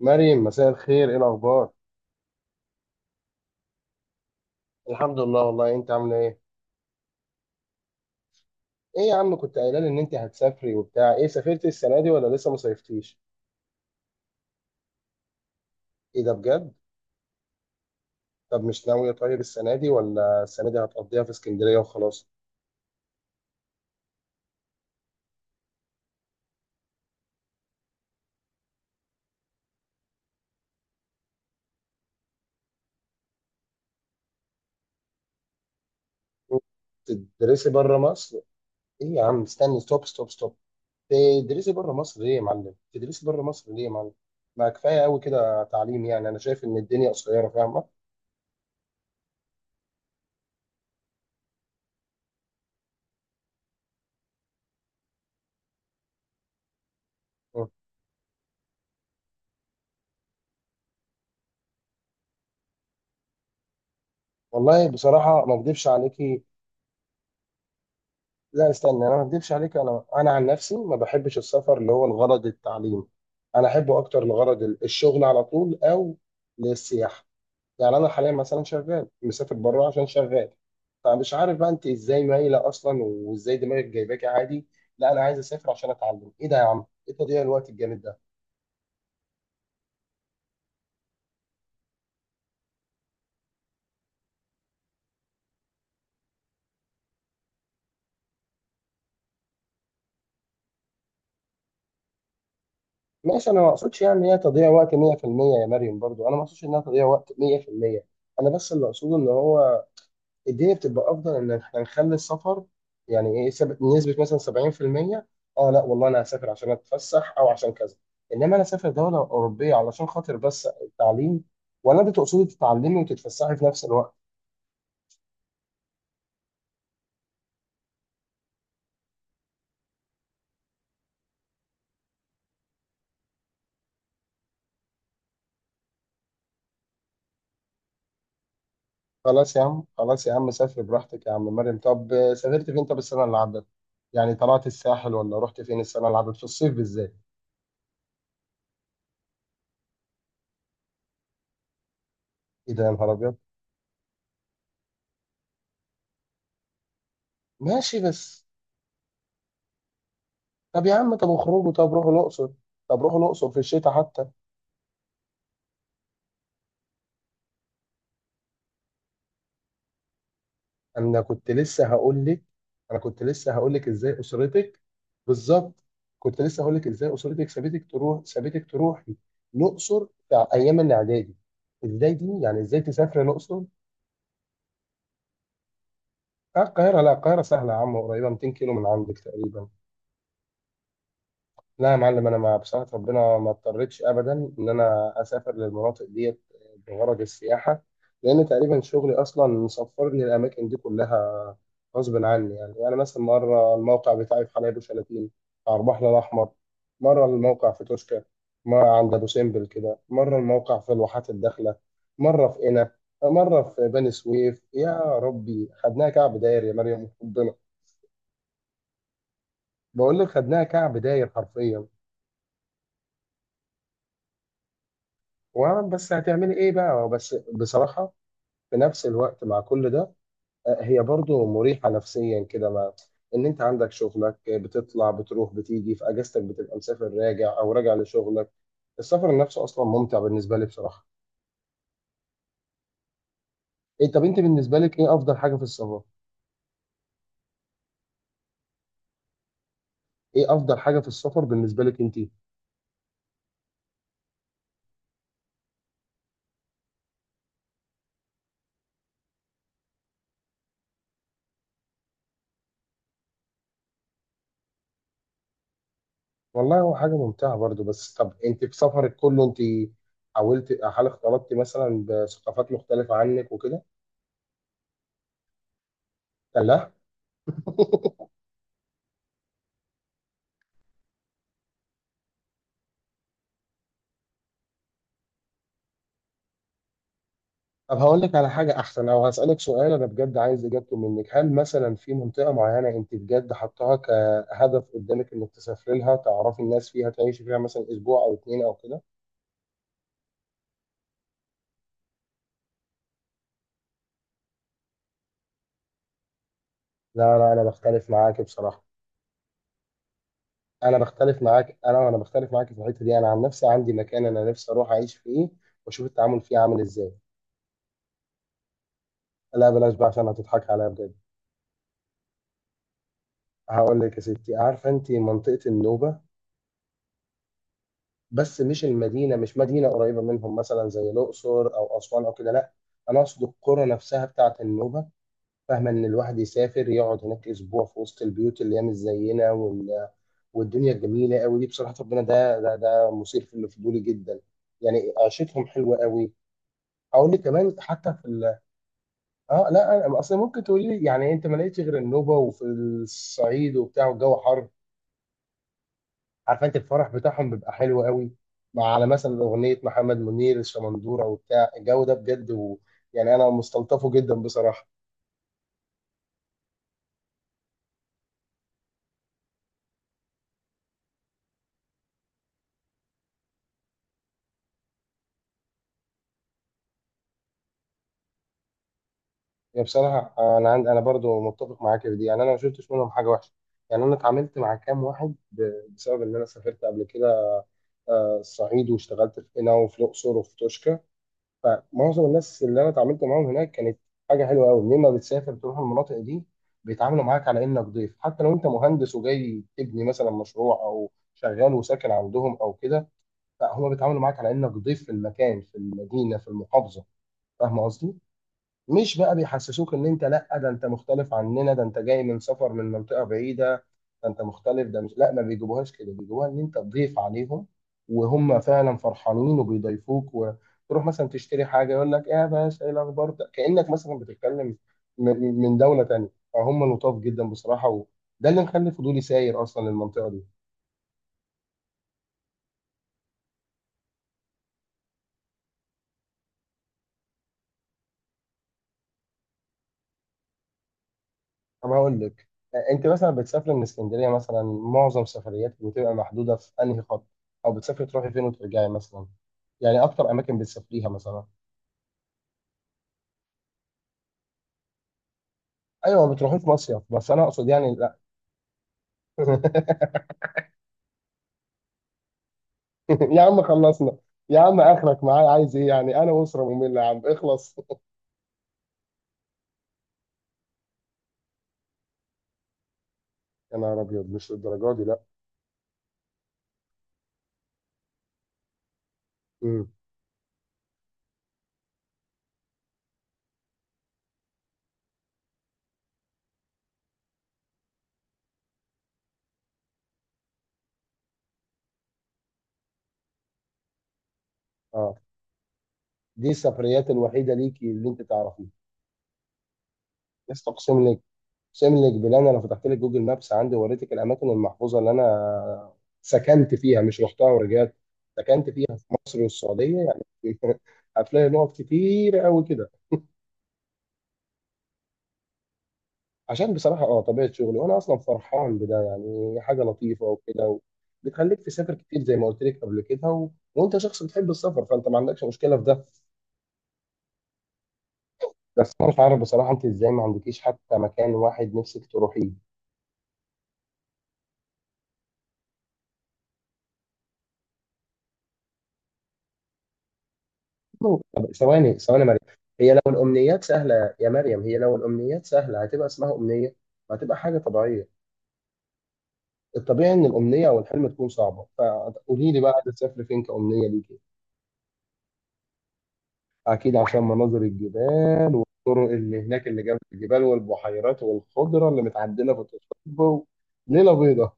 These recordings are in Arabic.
مريم، مساء الخير، ايه الاخبار؟ الحمد لله، والله انت عامله ايه؟ ايه يا عم، كنت قايله لي ان انت هتسافري وبتاع، ايه سافرتي السنه دي ولا لسه ما صيفتيش؟ ايه ده بجد؟ طب مش ناويه طيب السنه دي، ولا السنه دي هتقضيها في اسكندريه وخلاص؟ تدرسي بره مصر؟ ايه يا عم استني، ستوب ستوب ستوب. تدرسي بره مصر ليه يا معلم؟ تدرسي بره مصر ليه يا معلم؟ ما كفايه قوي كده تعليم، يعني انا شايف ان الدنيا قصيره فاهمه. والله بصراحة ما اكدبش عليكي. لا استنى، انا ما اكدبش عليك، انا عن نفسي ما بحبش السفر اللي هو الغرض التعليم. انا احبه اكتر لغرض الشغل على طول او للسياحه. يعني انا حاليا مثلا شغال مسافر بره عشان شغال. فمش عارف بقى انت ازاي مايله اصلا، وازاي دماغك جايباكي عادي؟ لا انا عايز اسافر عشان اتعلم، ايه ده يا عم، ايه تضييع الوقت الجامد ده؟ ماشي، انا ما اقصدش يعني هي تضييع وقت 100% يا مريم، برضو انا ما اقصدش انها تضييع وقت 100%. انا بس اللي اقصده ان هو الدنيا بتبقى افضل ان احنا نخلي السفر، يعني ايه نسبه مثلا 70%. اه لا والله انا هسافر عشان اتفسح او عشان كذا، انما انا اسافر دوله اوروبيه علشان خاطر بس التعليم، ولا انت تقصدي تتعلمي وتتفسحي في نفس الوقت؟ خلاص يا عم، خلاص يا عم، سافر براحتك يا عم، مريم طب سافرت فين طب السنه اللي عدت؟ يعني طلعت الساحل ولا رحت فين السنه اللي عدت في الصيف بالذات؟ ايه ده يا نهار ابيض. ماشي بس. طب يا عم، طب اخرجوا، طب روحوا الاقصر، طب روحوا الاقصر في الشتاء حتى. انا كنت لسه هقول لك، انا كنت لسه هقول لك ازاي اسرتك. بالظبط. كنت لسه هقول لك ازاي اسرتك، سابتك تروحي الاقصر في ايام الاعدادي، ازاي دي، يعني ازاي تسافري الاقصر؟ آه القاهره، لا القاهره سهله يا عم، قريبه 200 كيلو من عندك تقريبا. لا يا معلم، انا مع بصراحه ربنا ما اضطريتش ابدا ان انا اسافر للمناطق ديت بغرض السياحه، لان تقريبا شغلي اصلا سفرني الاماكن دي كلها غصب عني، يعني مثلا مره الموقع بتاعي في حلايب وشلاتين على البحر الاحمر، مره الموقع في توشكا، مره عند ابو سمبل كده، مره الموقع في الواحات الداخله، مره في قنا، مره في بني سويف، يا ربي خدناها كعب داير يا مريم ربنا. بقول لك خدناها كعب داير حرفيا. وانا بس هتعملي ايه بقى، بس بصراحه في نفس الوقت مع كل ده هي برضو مريحه نفسيا كده، ما ان انت عندك شغلك، بتطلع بتروح بتيجي في اجازتك، بتبقى مسافر راجع او راجع لشغلك. السفر نفسه اصلا ممتع بالنسبه لي بصراحه. إيه طب انت بالنسبه لك، ايه افضل حاجه في السفر؟ ايه افضل حاجه في السفر بالنسبه لك انت؟ والله هو حاجه ممتعه برضو، بس طب انت في سفرك كله انت حاولت، هل اختلطتي مثلا بثقافات مختلفه عنك وكده؟ كان لا. طب هقول لك على حاجة أحسن أو هسألك سؤال أنا بجد عايز إجابته منك، هل مثلا في منطقة معينة أنت بجد حطاها كهدف قدامك إنك تسافري لها تعرفي الناس فيها تعيشي فيها مثلا أسبوع أو اتنين أو كده؟ لا لا، أنا بختلف معاك بصراحة، أنا بختلف معاك، أنا بختلف معاك في الحتة دي. أنا عن نفسي عندي مكان أنا نفسي أروح أعيش فيه وأشوف التعامل فيه عامل إزاي. لا بلاش بقى عشان هتضحك عليا بجد. هقول لك يا ستي، عارفة أنت منطقة النوبة؟ بس مش مدينه قريبه منهم مثلا زي الاقصر او اسوان او كده، لا انا اقصد القرى نفسها بتاعه النوبه. فاهمه ان الواحد يسافر يقعد هناك اسبوع في وسط البيوت اللي هي مش زينا والدنيا الجميله قوي دي، بصراحه ربنا ده مثير في الفضول جدا، يعني عيشتهم حلوه قوي. اقول لي كمان حتى في ال. اه لا انا اصل ممكن تقولي لي، يعني انت ما لقيتش غير النوبه وفي الصعيد وبتاع والجو حر. عارف انت الفرح بتاعهم بيبقى حلو قوي، مع على مثلا اغنيه محمد منير الشمندوره وبتاع الجو ده بجد، و... يعني انا مستلطفه جدا بصراحه. يعني بصراحه، انا عند انا برضو متفق معاك في دي، يعني انا ما شفتش منهم حاجه وحشه. يعني انا اتعاملت مع كام واحد ب. بسبب ان انا سافرت قبل كده الصعيد، واشتغلت في قنا وفي الاقصر وفي توشكا، فمعظم الناس اللي انا اتعاملت معاهم هناك كانت حاجه حلوه قوي. لما بتسافر تروح المناطق دي بيتعاملوا معاك على انك ضيف، حتى لو انت مهندس وجاي تبني مثلا مشروع او شغال وساكن عندهم او كده، فهم بيتعاملوا معاك على انك ضيف في المكان، في المدينه، في المحافظه. فاهم قصدي؟ مش بقى بيحسسوك ان انت، لا ده انت مختلف عننا، ده انت جاي من سفر من منطقة بعيدة، ده انت مختلف، ده مش لا ما بيجيبوهاش كده، بيجيبوها ان انت تضيف عليهم، وهم فعلا فرحانين وبيضيفوك، وتروح مثلا تشتري حاجة يقول لك ايه يا باشا ايه الاخبار، ده كأنك مثلا بتتكلم من دولة تانية، فهم لطاف جدا بصراحة، وده اللي مخلي فضولي ساير اصلا للمنطقة دي. طب هقول لك، انت مثلا بتسافري من اسكندريه مثلا، معظم سفرياتك بتبقى محدوده في انهي خط، او بتسافري تروحي فين وترجعي مثلا؟ يعني اكتر اماكن بتسافريها مثلا؟ ايوه ما بتروحيش مصيف بس انا اقصد يعني، لا. يا عم خلصنا، يا عم اخرك معايا عايز ايه، يعني انا اسره ممله يا عم اخلص. يا نهار ابيض، مش الدرجه دي لا. امم. اه دي السفريات الوحيده ليكي اللي انت تعرفيها. استقسم لك شامل جبال، انا لو فتحت لك جوجل مابس عندي ووريتك الاماكن المحفوظه اللي انا سكنت فيها مش رحتها ورجعت، سكنت فيها في مصر والسعوديه يعني. هتلاقي نقط كتير قوي كده، عشان بصراحه اه طبيعه شغلي، وانا اصلا فرحان بده، يعني حاجه لطيفه وكده، و... بتخليك تسافر كتير زي ما قلت لك قبل كده، و... وانت شخص بتحب السفر فانت ما عندكش مشكله في ده، بس انا مش عارف بصراحه انت ازاي ما عندكيش حتى مكان واحد نفسك تروحيه. طب ثواني ثواني مريم، هي لو الأمنيات سهلة يا مريم، هي لو الأمنيات سهلة هتبقى اسمها أمنية؟ وهتبقى حاجة طبيعية. الطبيعي إن الأمنية أو الحلم تكون صعبة، فقولي لي بقى عايزة تسافري فين كأمنية ليكي؟ أكيد عشان مناظر الجبال، الطرق اللي هناك اللي جنب الجبال والبحيرات والخضرة اللي متعدلة في التصوير، ليلة بيضاء.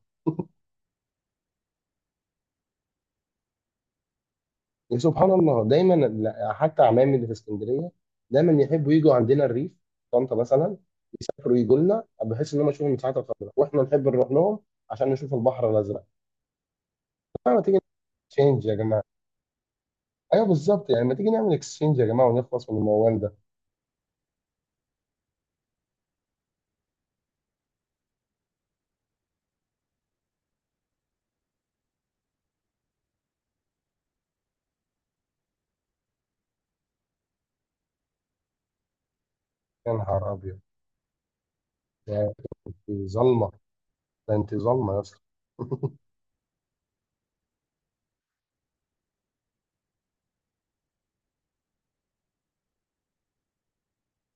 يا سبحان الله دايما، لا، حتى عمامي اللي في اسكندرية دايما يحبوا يجوا عندنا الريف، طنطا مثلا، يسافروا يجوا لنا بحيث ان هم يشوفوا المساحات الخضراء، واحنا نحب نروح لهم عشان نشوف البحر الازرق. طب ما تيجي اكسشينج يا جماعه، ايوه بالظبط يعني، ما تيجي نعمل اكسشينج يا جماعه ونخلص من الموال ده. يا نهار ابيض، ده انت ظلمه، ده انت ظلمه يا اسطى.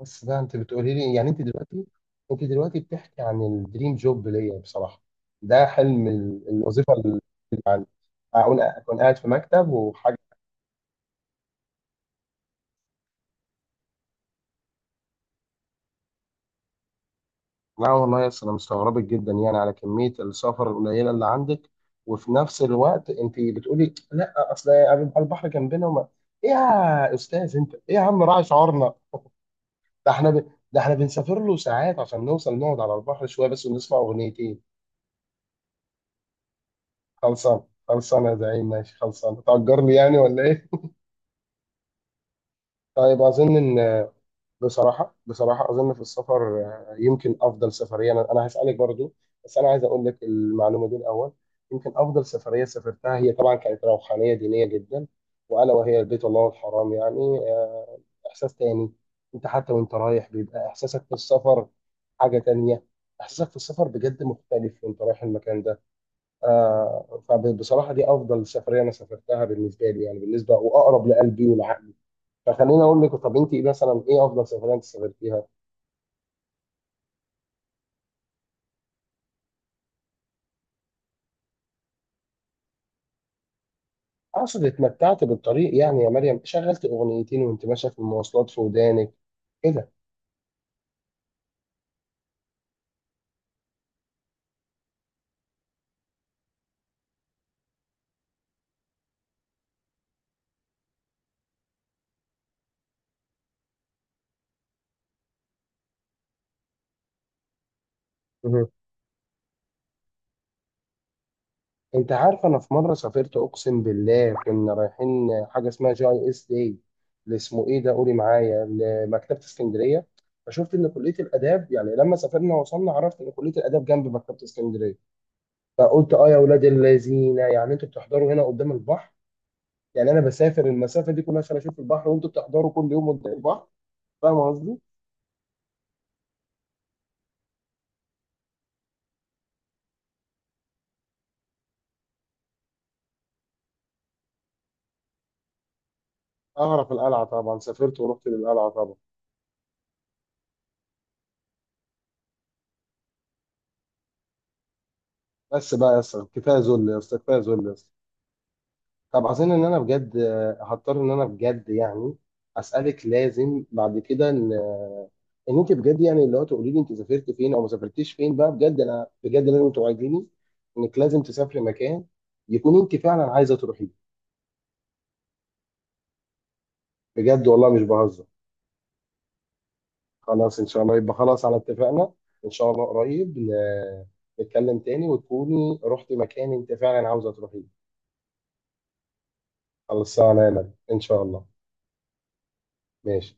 بس ده انت بتقولي لي يعني انت دلوقتي، انت دلوقتي بتحكي عن الدريم جوب ليا بصراحه، ده حلم الوظيفه اللي عندي، اكون أكون قاعد في مكتب وحاجه. لا والله يا أسطى، انا مستغربك جدا يعني على كميه السفر القليله اللي عندك، وفي نفس الوقت انت بتقولي لا اصل يبقى البحر جنبنا وما، إيه يا استاذ انت، ايه يا عم راعي شعورنا. ده احنا ب، ده احنا بنسافر له ساعات عشان نوصل نقعد على البحر شويه بس ونسمع اغنيتين. خلصان، خلصان يا زعيم، ماشي خلصان، تأجرني يعني ولا ايه؟ طيب اظن ان، بصراحة بصراحة أظن في السفر، يمكن أفضل سفرية، أنا أنا هسألك برضو، بس أنا عايز أقول لك المعلومة دي الأول. يمكن أفضل سفرية سافرتها هي طبعا كانت روحانية دينية جدا، وألا وهي بيت الله الحرام يعني إحساس تاني، أنت حتى وأنت رايح بيبقى إحساسك في السفر حاجة تانية، إحساسك في السفر بجد مختلف وأنت رايح المكان ده. فبصراحة دي أفضل سفرية أنا سافرتها بالنسبة لي، يعني بالنسبة وأقرب لقلبي والعقل. فخليني اقول لك، طب انت إيه مثلا، ايه افضل سفريه انت سافرتيها؟ اقصد اتمتعت بالطريق يعني يا مريم، شغلت اغنيتين وانت ماشيه في المواصلات في ودانك كده. مهم. انت عارفه انا في مره سافرت اقسم بالله، كنا رايحين حاجه اسمها جي اي اس داي، اللي اسمه ايه ده قولي معايا، لمكتبه اسكندريه. فشفت ان كليه الاداب، يعني لما سافرنا وصلنا عرفت ان كليه الاداب جنب مكتبه اسكندريه، فقلت اه يا اولاد اللذينه، يعني انتوا بتحضروا هنا قدام البحر، يعني انا بسافر المسافه دي كلها عشان اشوف البحر، وانتوا بتحضروا كل يوم قدام البحر. فاهم قصدي؟ اعرف القلعه طبعا، سافرت ورحت للقلعه طبعا. بس بقى يا اسطى، كفايه ذل يا اسطى، كفايه ذل يا اسطى. طب عايزين ان انا بجد هضطر ان انا بجد يعني اسالك لازم بعد كده، ان ان انت بجد يعني اللي هو تقولي لي انت سافرت فين او ما سافرتيش فين بقى، بجد انا بجد لازم توعديني انك لازم تسافري مكان يكون انت فعلا عايزه تروحيه. بجد والله مش بهزر. خلاص ان شاء الله، يبقى خلاص على اتفاقنا، ان شاء الله قريب نتكلم تاني وتكوني رحتي مكان انت فعلا عاوزه تروحيه. خلصانه يا مريم ان شاء الله. ماشي.